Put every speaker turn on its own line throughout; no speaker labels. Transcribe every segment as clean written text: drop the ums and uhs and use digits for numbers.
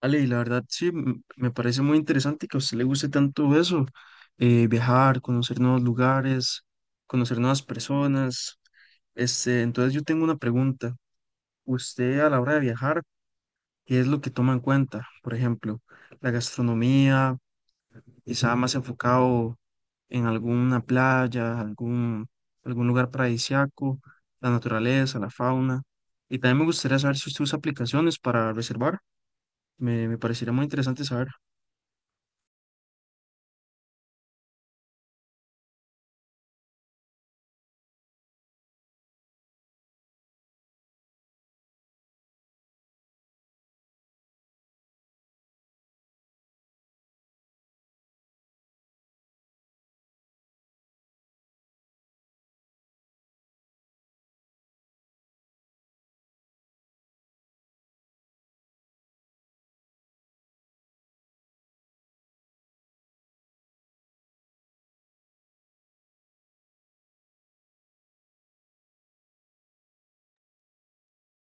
Ale, y la verdad sí, me parece muy interesante que a usted le guste tanto eso, viajar, conocer nuevos lugares, conocer nuevas personas. Entonces yo tengo una pregunta. Usted a la hora de viajar, ¿qué es lo que toma en cuenta? Por ejemplo, la gastronomía, quizá más enfocado en alguna playa, algún lugar paradisíaco, la naturaleza, la fauna. Y también me gustaría saber si usted usa aplicaciones para reservar. Me parecería muy interesante saber.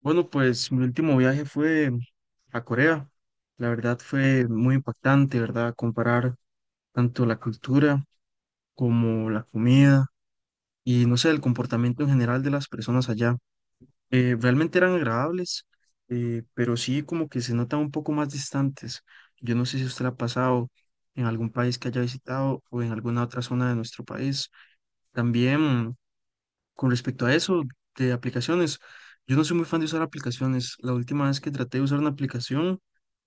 Bueno, pues mi último viaje fue a Corea. La verdad fue muy impactante, ¿verdad? Comparar tanto la cultura como la comida y no sé, el comportamiento en general de las personas allá. Realmente eran agradables, pero sí como que se notan un poco más distantes. Yo no sé si usted la ha pasado en algún país que haya visitado o en alguna otra zona de nuestro país. También con respecto a eso de aplicaciones, yo no soy muy fan de usar aplicaciones. La última vez que traté de usar una aplicación,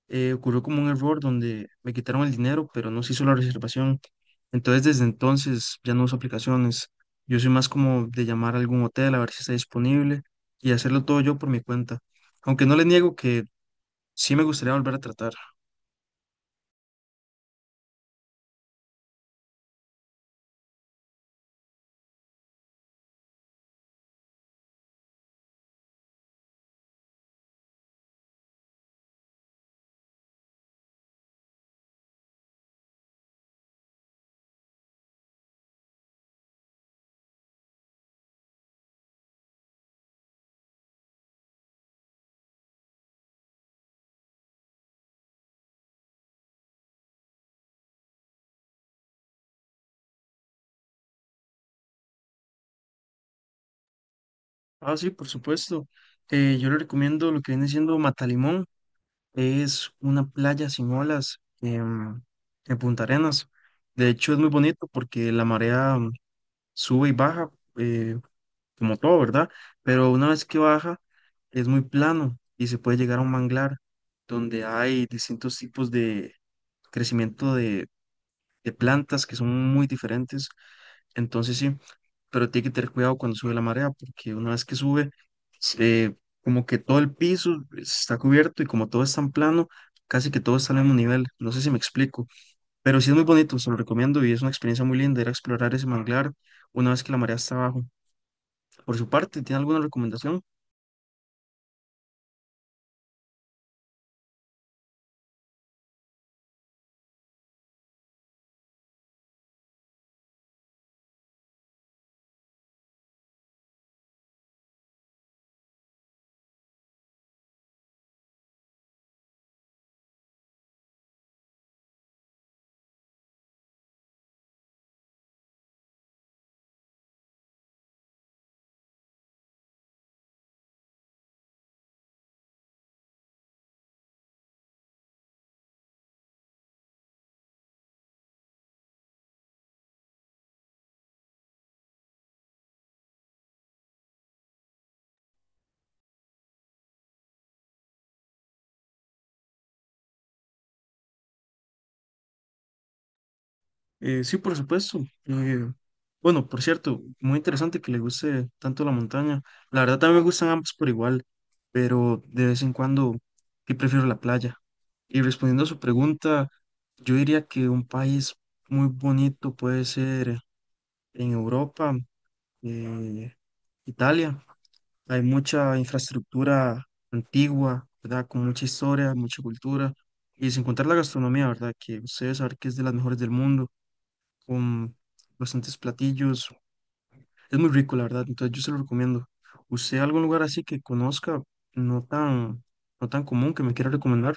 ocurrió como un error donde me quitaron el dinero, pero no se hizo la reservación. Entonces, desde entonces ya no uso aplicaciones. Yo soy más como de llamar a algún hotel a ver si está disponible y hacerlo todo yo por mi cuenta. Aunque no le niego que sí me gustaría volver a tratar. Ah, sí, por supuesto. Yo le recomiendo lo que viene siendo Matalimón. Es una playa sin olas Punta Arenas. De hecho, es muy bonito porque la marea sube y baja, eh, como todo, ¿verdad? Pero una vez que baja, es muy plano y se puede llegar a un manglar donde hay distintos tipos de crecimiento de plantas que son muy diferentes. Entonces, sí, pero tiene que tener cuidado cuando sube la marea, porque una vez que sube, eh, como que todo el piso está cubierto y como todo es tan plano, casi que todo está al mismo nivel. No sé si me explico, pero sí es muy bonito, se lo recomiendo y es una experiencia muy linda ir a explorar ese manglar una vez que la marea está abajo. Por su parte, ¿tiene alguna recomendación? Sí, por supuesto. Eh, bueno, por cierto, muy interesante que le guste tanto la montaña. La verdad también me gustan ambos por igual, pero de vez en cuando sí prefiero la playa. Y respondiendo a su pregunta, yo diría que un país muy bonito puede ser en Europa, eh, Italia. Hay mucha infraestructura antigua, ¿verdad? Con mucha historia, mucha cultura. Y sin contar la gastronomía, ¿verdad? Que ustedes saben que es de las mejores del mundo con bastantes platillos. Es muy rico, la verdad, entonces yo se lo recomiendo. ¿Usted algún lugar así que conozca, no tan, no tan común, que me quiera recomendar?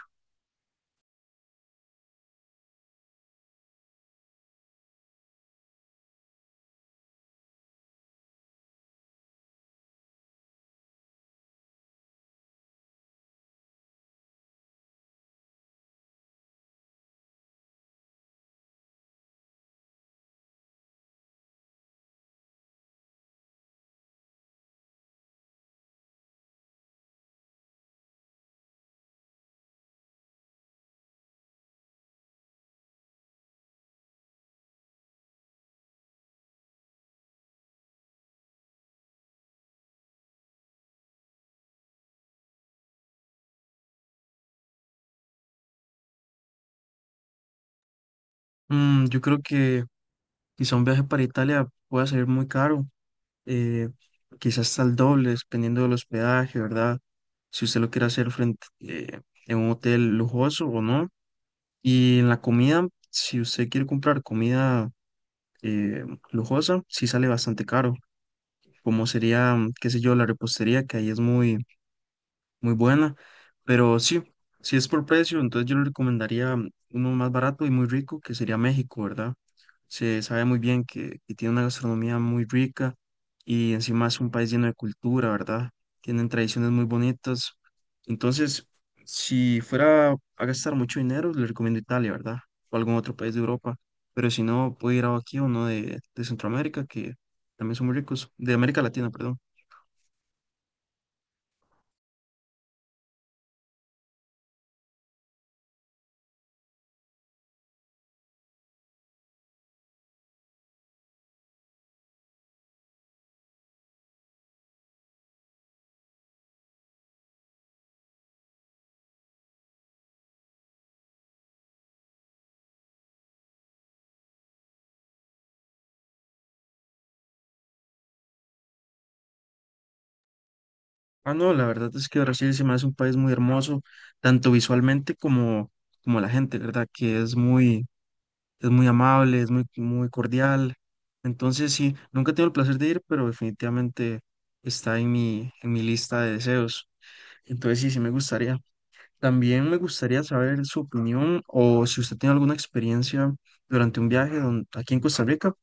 Mm, yo creo que quizá un viaje para Italia pueda salir muy caro, eh, quizás hasta el doble, dependiendo del hospedaje, ¿verdad? Si usted lo quiere hacer frente, en un hotel lujoso o no. Y en la comida, si usted quiere comprar comida eh, lujosa, sí sale bastante caro. Como sería, mm, qué sé yo, la repostería, que ahí es muy buena. Pero sí, si es por precio, entonces yo le recomendaría mm, uno más barato y muy rico, que sería México, ¿verdad? Se sabe muy bien que tiene una gastronomía muy rica y encima es un país lleno de cultura, ¿verdad? Tienen tradiciones muy bonitas. Entonces, si fuera a gastar mucho dinero, le recomiendo Italia, ¿verdad? O algún otro país de Europa. Pero si no, puede ir a aquí o uno de Centroamérica, que también son muy ricos, de América Latina, perdón. Ah, no, la verdad es que Brasil se me hace un país muy hermoso, tanto visualmente como la gente, ¿verdad? Es muy amable, es muy, muy cordial. Entonces, sí, nunca he tenido el placer de ir, pero definitivamente está en en mi lista de deseos. Entonces, sí, sí me gustaría. También me gustaría saber su opinión o si usted tiene alguna experiencia durante un viaje aquí en Costa Rica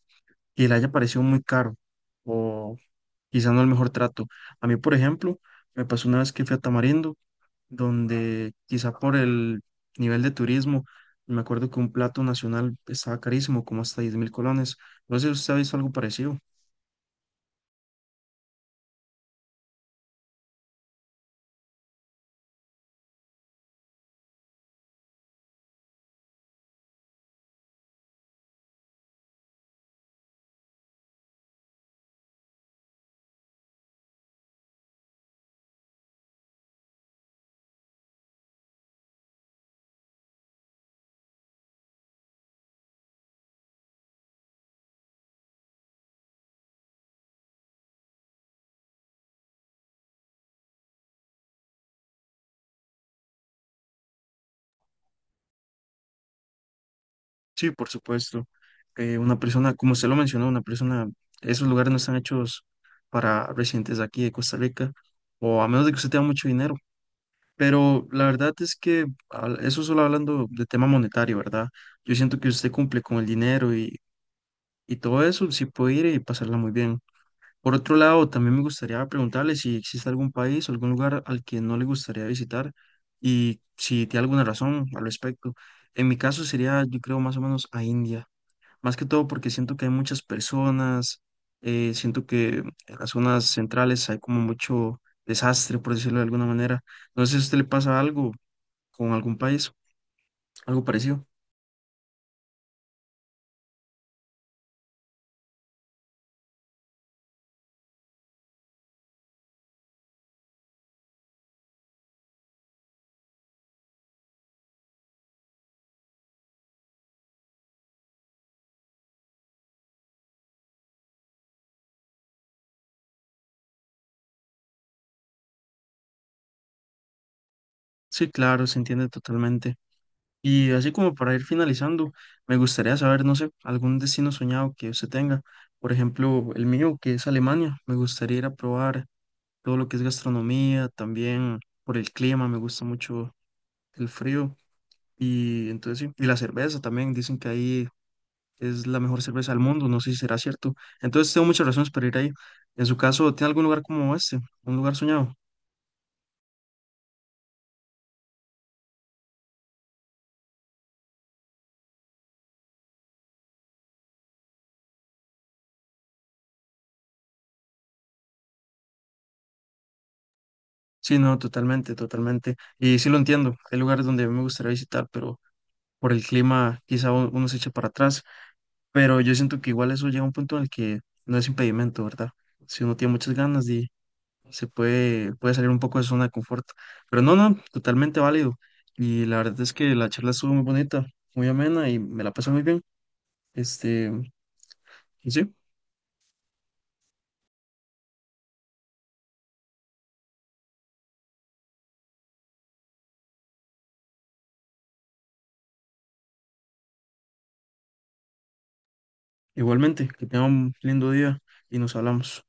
que le haya parecido muy caro o quizá no el mejor trato. A mí, por ejemplo, me pasó una vez que fui a Tamarindo donde quizá por el nivel de turismo, me acuerdo que un plato nacional estaba carísimo, como hasta 10 000 colones. No sé si usted ha visto algo parecido. Sí, por supuesto. Una persona, como usted lo mencionó, esos lugares no están hechos para residentes de aquí de Costa Rica, o a menos de que usted tenga mucho dinero. Pero la verdad es que eso solo hablando de tema monetario, ¿verdad? Yo siento que usted cumple con el dinero y todo eso, sí puede ir y pasarla muy bien. Por otro lado, también me gustaría preguntarle si existe algún país o algún lugar al que no le gustaría visitar y si tiene alguna razón al respecto. En mi caso sería, yo creo, más o menos a India. Más que todo porque siento que hay muchas personas, siento que en las zonas centrales hay como mucho desastre, por decirlo de alguna manera. No sé si a usted le pasa algo con algún país, algo parecido. Sí, claro, se entiende totalmente. Y así como para ir finalizando, me gustaría saber, no sé, algún destino soñado que usted tenga. Por ejemplo, el mío, que es Alemania. Me gustaría ir a probar todo lo que es gastronomía, también por el clima, me gusta mucho el frío. Y entonces sí, y la cerveza también, dicen que ahí es la mejor cerveza del mundo, no sé si será cierto. Entonces tengo muchas razones para ir ahí. En su caso, ¿tiene algún lugar como este? ¿Un lugar soñado? Sí, no, totalmente, totalmente. Y sí lo entiendo, hay lugares donde me gustaría visitar, pero ...por el clima quizá uno se eche para atrás, pero yo siento que igual eso llega a un punto en el que no es impedimento, ¿verdad? Si uno tiene muchas ganas y puede salir un poco de su zona de confort, pero no, no, totalmente válido. Y la verdad es que la charla estuvo muy bonita, muy amena y me la pasé muy bien. Este, y sí, igualmente, que tengan un lindo día y nos hablamos.